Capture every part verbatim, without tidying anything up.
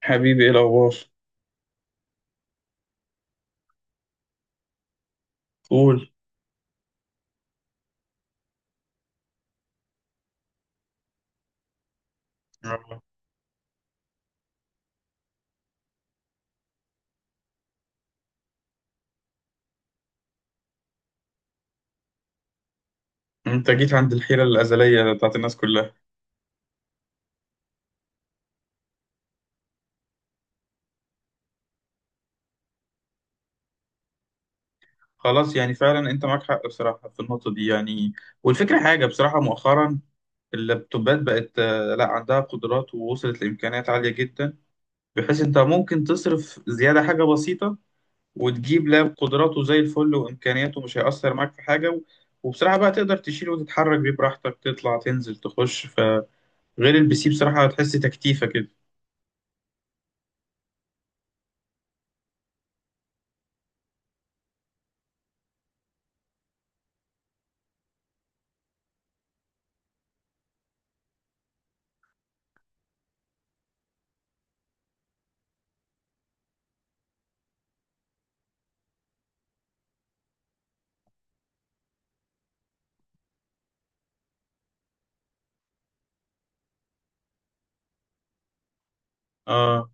حبيبي، ايه الاخبار؟ قول. يلا. انت جيت عند الحيره الازليه بتاعت الناس كلها. خلاص، يعني فعلا انت معاك حق بصراحه في النقطه دي يعني. والفكره حاجه بصراحه، مؤخرا اللابتوبات بقت، آه، لا، عندها قدرات ووصلت لامكانيات عاليه جدا، بحيث انت ممكن تصرف زياده حاجه بسيطه وتجيب لاب قدراته زي الفل وامكانياته مش هيأثر معاك في حاجه و- وبصراحه بقى تقدر تشيل وتتحرك بيه براحتك، تطلع تنزل تخش، فغير البي سي بصراحه هتحس تكتيفه كده. اه،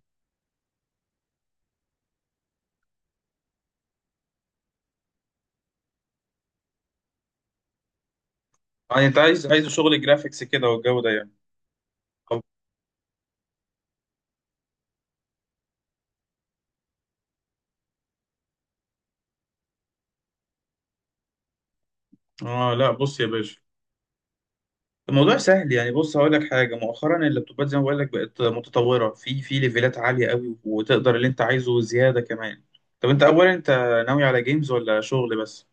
يعني انت عايز عايز شغل جرافيكس كده والجو ده يعني. طب، اه، لا، بص يا باشا، الموضوع سهل يعني. بص هقول لك حاجه، مؤخرا اللابتوبات زي ما بقول لك بقت متطوره في في ليفلات عاليه قوي، وتقدر اللي انت عايزه زياده كمان. طب انت اولا، انت ناوي على جيمز ولا شغل بس؟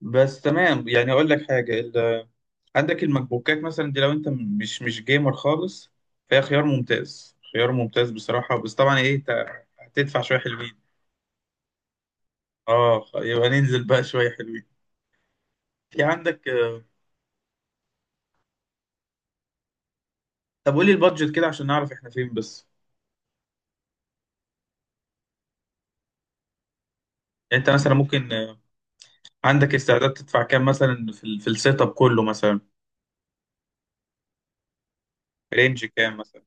بس تمام، يعني اقول لك حاجه ال... عندك الماك بوكات مثلا دي، لو انت مش مش جيمر خالص فهي خيار ممتاز، خيار ممتاز بصراحه، بس طبعا ايه، انت هتدفع شويه حلوين. اه، يبقى ننزل بقى شويه حلوين. في عندك. طب قولي البادجت كده عشان نعرف احنا فين بس. يعني انت مثلا ممكن، آه، عندك استعداد تدفع كام مثلا في ال- في السيت اب كله مثلا؟ رينج كام مثلا؟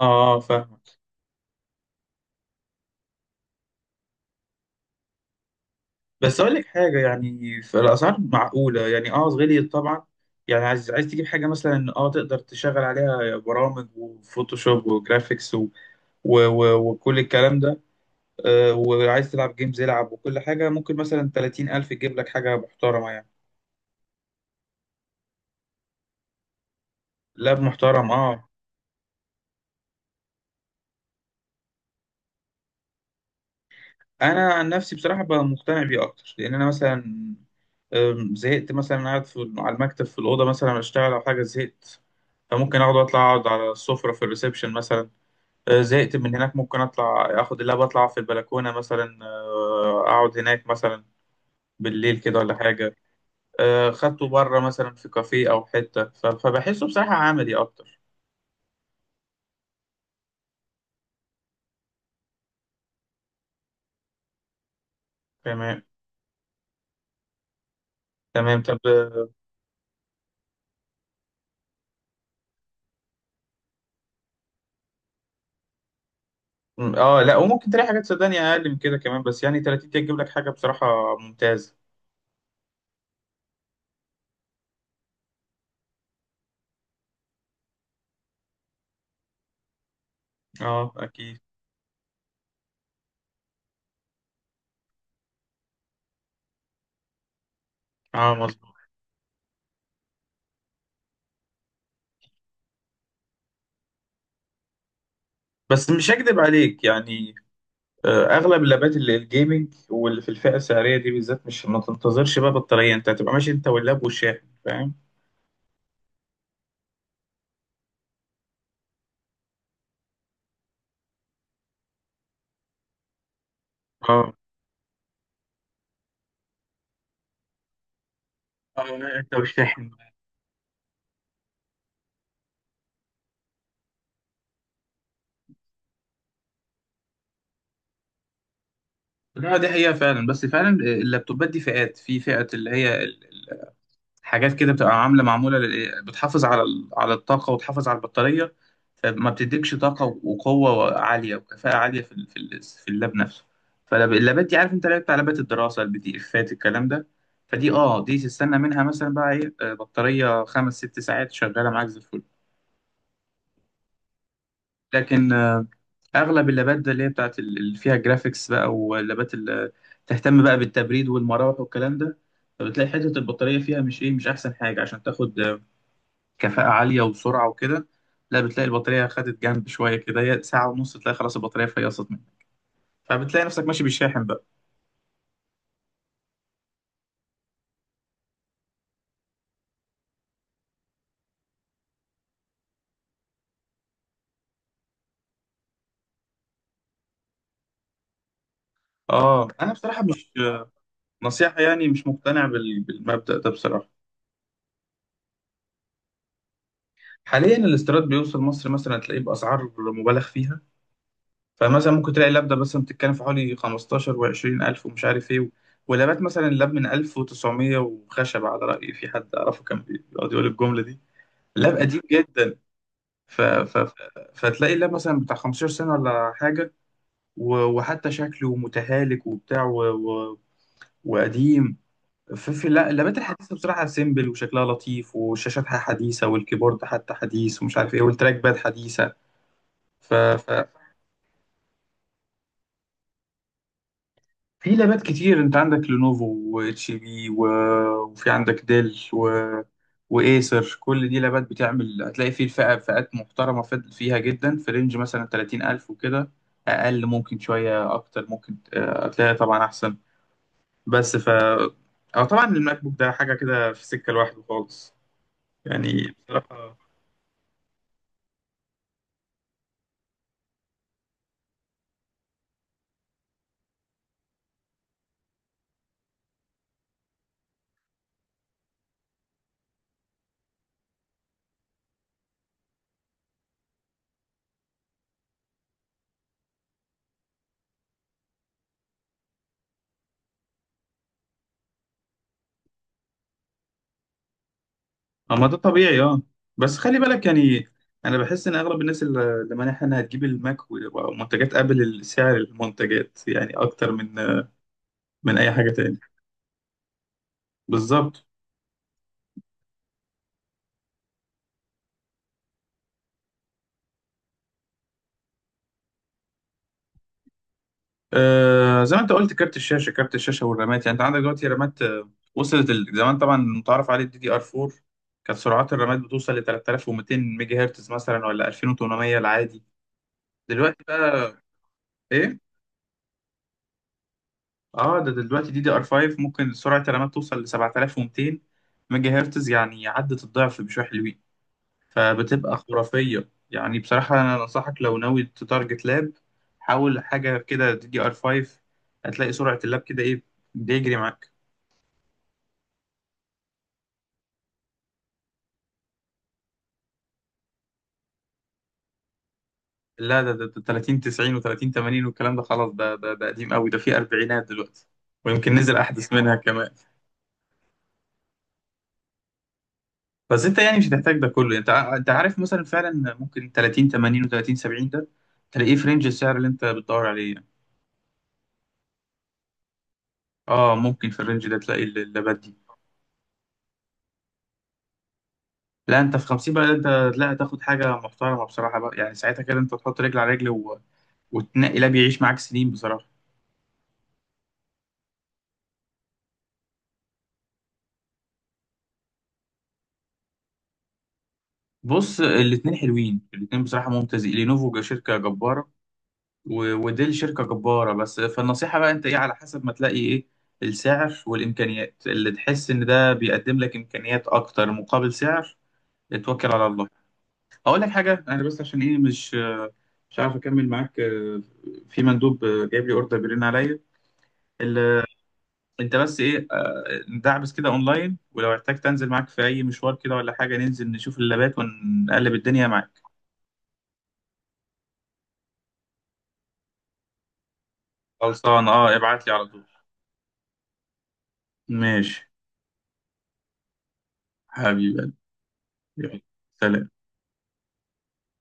اه، فاهمك. بس اقول لك حاجه، يعني في الاسعار معقوله يعني. اه، غليت طبعا. يعني عايز عايز تجيب حاجه مثلا، اه تقدر تشغل عليها برامج وفوتوشوب وجرافيكس و... و... و... وكل الكلام ده. آه، وعايز تلعب جيمز العب، وكل حاجه. ممكن مثلا تلاتين ألف تجيب لك حاجه محترمه يعني، لاب محترم، اه. انا عن نفسي بصراحه بقى مقتنع بيه اكتر، لان انا مثلا أم، زهقت مثلا قاعد في على المكتب في الاوضه مثلا اشتغل او حاجه، زهقت، فممكن اقعد، اطلع، اقعد على السفره في الريسبشن مثلا. أه، زهقت من هناك، ممكن اطلع اخد اللاب، اطلع في البلكونه مثلا، أه، اقعد هناك مثلا بالليل كده ولا حاجه. أه، خدته بره مثلا في كافيه او حته، ف- فبحسه بصراحه عملي اكتر. تمام، تمام. طب، اه، لا وممكن تلاقي حاجات صدقني اقل من كده كمان، بس يعني تلاتين دقيقه تجيب لك حاجه بصراحه ممتازه. اه، اكيد. اه، مظبوط. بس مش هكدب عليك يعني، آه، اغلب اللابات اللي الجيمنج واللي في الفئه السعريه دي بالذات، مش ما تنتظرش بقى بطاريه، انت هتبقى ماشي انت واللاب والشاحن، فاهم؟ اه. اه، لا، انت والشاحن. لا، دي حقيقه فعلا، بس فعلا اللابتوبات دي فئات، في فئه اللي هي حاجات كده بتبقى عامله معموله لل- إيه، بتحافظ على ال- على الطاقه وتحافظ على البطاريه، فما بتديكش طاقه وقوه عاليه وكفاءه عاليه في ال- في ال- في اللاب نفسه. فاللابات دي، عارف انت، لعبت لابات الدراسه، البي دي افات الكلام ده، فدي، اه، دي تستنى منها مثلا بقى ايه، آه، بطاريه خمس ست ساعات شغاله معاك زي الفل. لكن آه، اغلب اللابات ده اللي هي بتاعت ال- اللي فيها جرافيكس بقى، واللابات اللي تهتم بقى بالتبريد والمراوح والكلام ده، فبتلاقي حته البطاريه فيها مش، ايه مش احسن حاجه عشان تاخد كفاءة عالية وسرعة وكده. لا، بتلاقي البطارية خدت جنب شوية كده، هي ساعة ونص تلاقي خلاص البطارية فيصت منك، فبتلاقي نفسك ماشي بالشاحن بقى. اه، انا بصراحة مش نصيحة، يعني مش مقتنع بال- بالمبدأ ده بصراحة. حاليا الاستيراد بيوصل مصر مثلا تلاقيه بأسعار مبالغ فيها، فمثلا ممكن تلاقي اللبدة مثلا بتتكلم في حوالي خمستاشر و20 ألف ومش عارف ايه. ولابات مثلا، اللاب من ألف وتسعمية وخشب، على رأيي في حد أعرفه كان بيقعد يقول الجملة دي، لاب قديم جدا. ف... ف... ف- فتلاقي ده مثلا بتاع خمسة عشر سنة ولا حاجة، و... وحتى شكله متهالك وبتاع و... و... وقديم. في, في لا، اللابات الحديثة بصراحة سيمبل وشكلها لطيف، والشاشات حديثة، والكيبورد حتى حديث، ومش عارف ايه، والتراك باد حديثة. ف... ف... في لابات كتير، انت عندك لينوفو واتش بي و... وفي عندك ديل و... وايسر، كل دي لابات بتعمل. هتلاقي في الفئة فئات محترمة فد- فيها جدا، في رينج مثلا تلاتين ألف وكده، اقل ممكن شوية، اكتر ممكن، آه، هتلاقي طبعا احسن. بس ف اه، طبعا الماك بوك ده حاجة كده في سكة لوحده خالص يعني بصراحة. اما ده طبيعي، اه. بس خلي بالك يعني، انا بحس ان اغلب الناس اللي اللي مانعها انها تجيب الماك ومنتجات ابل سعر المنتجات، يعني اكتر من من اي حاجه تاني. بالظبط. آه، زي ما انت قلت، كارت الشاشه، كارت الشاشه والرامات. يعني انت عندك دلوقتي رامات، آه، وصلت ال... زمان طبعا متعارف عليه الدي دي ار أربعة، كانت سرعات الرامات بتوصل ل تلاتة الاف وميتين ميجا هرتز مثلا، ولا الفين وتمنمية العادي. دلوقتي بقى ايه؟ اه، ده دلوقتي دي دي ار خمسة، ممكن سرعة الرامات توصل ل سبعة آلاف ومائتين ميجا هرتز، يعني عدت الضعف بشوية حلوين، فبتبقى خرافية يعني بصراحة. أنا أنصحك لو ناوي تتارجت لاب، حاول حاجة كده دي دي ار خمسة، هتلاقي سرعة اللاب كده إيه، بيجري معاك. لا، ده ده ده تلاتين تسعين و30 تمانين والكلام ده خلاص، ده ده ده قديم قوي، ده فيه أربعينات دلوقتي، ويمكن نزل أحدث منها كمان. بس انت يعني مش هتحتاج ده كله، انت ع- انت عارف مثلا، فعلا ممكن تلاتين تمانين و30 سبعين ده تلاقيه في رينج السعر اللي انت بتدور عليه يعني. اه، ممكن في الرينج ده تلاقي ال- اللابات دي. لا، انت في خمسين بقى انت، لا، تاخد حاجه محترمه بصراحه بقى، يعني ساعتها كده انت تحط رجل على رجل و... وتنقي لاب يعيش معاك سنين بصراحه. بص، الاتنين حلوين، الاتنين بصراحه ممتازين، لينوفو شركه جباره، و- ودي الشركة جبارة بس، فالنصيحة بقى انت ايه، على حسب ما تلاقي ايه السعر والامكانيات، اللي تحس ان ده بيقدم لك امكانيات اكتر مقابل سعر، اتوكل على الله. اقول لك حاجة انا بس، عشان ايه مش مش عارف اكمل معاك، آه، في مندوب آه، جايب لي اوردر بيرن عليا ال- انت بس ايه، آه، ندعبس كده اونلاين، ولو احتجت انزل معاك في اي مشوار كده ولا حاجة، ننزل نشوف اللابات ونقلب الدنيا معاك. خلصان، اه، ابعت لي على طول. ماشي حبيبي. يلا. سلام.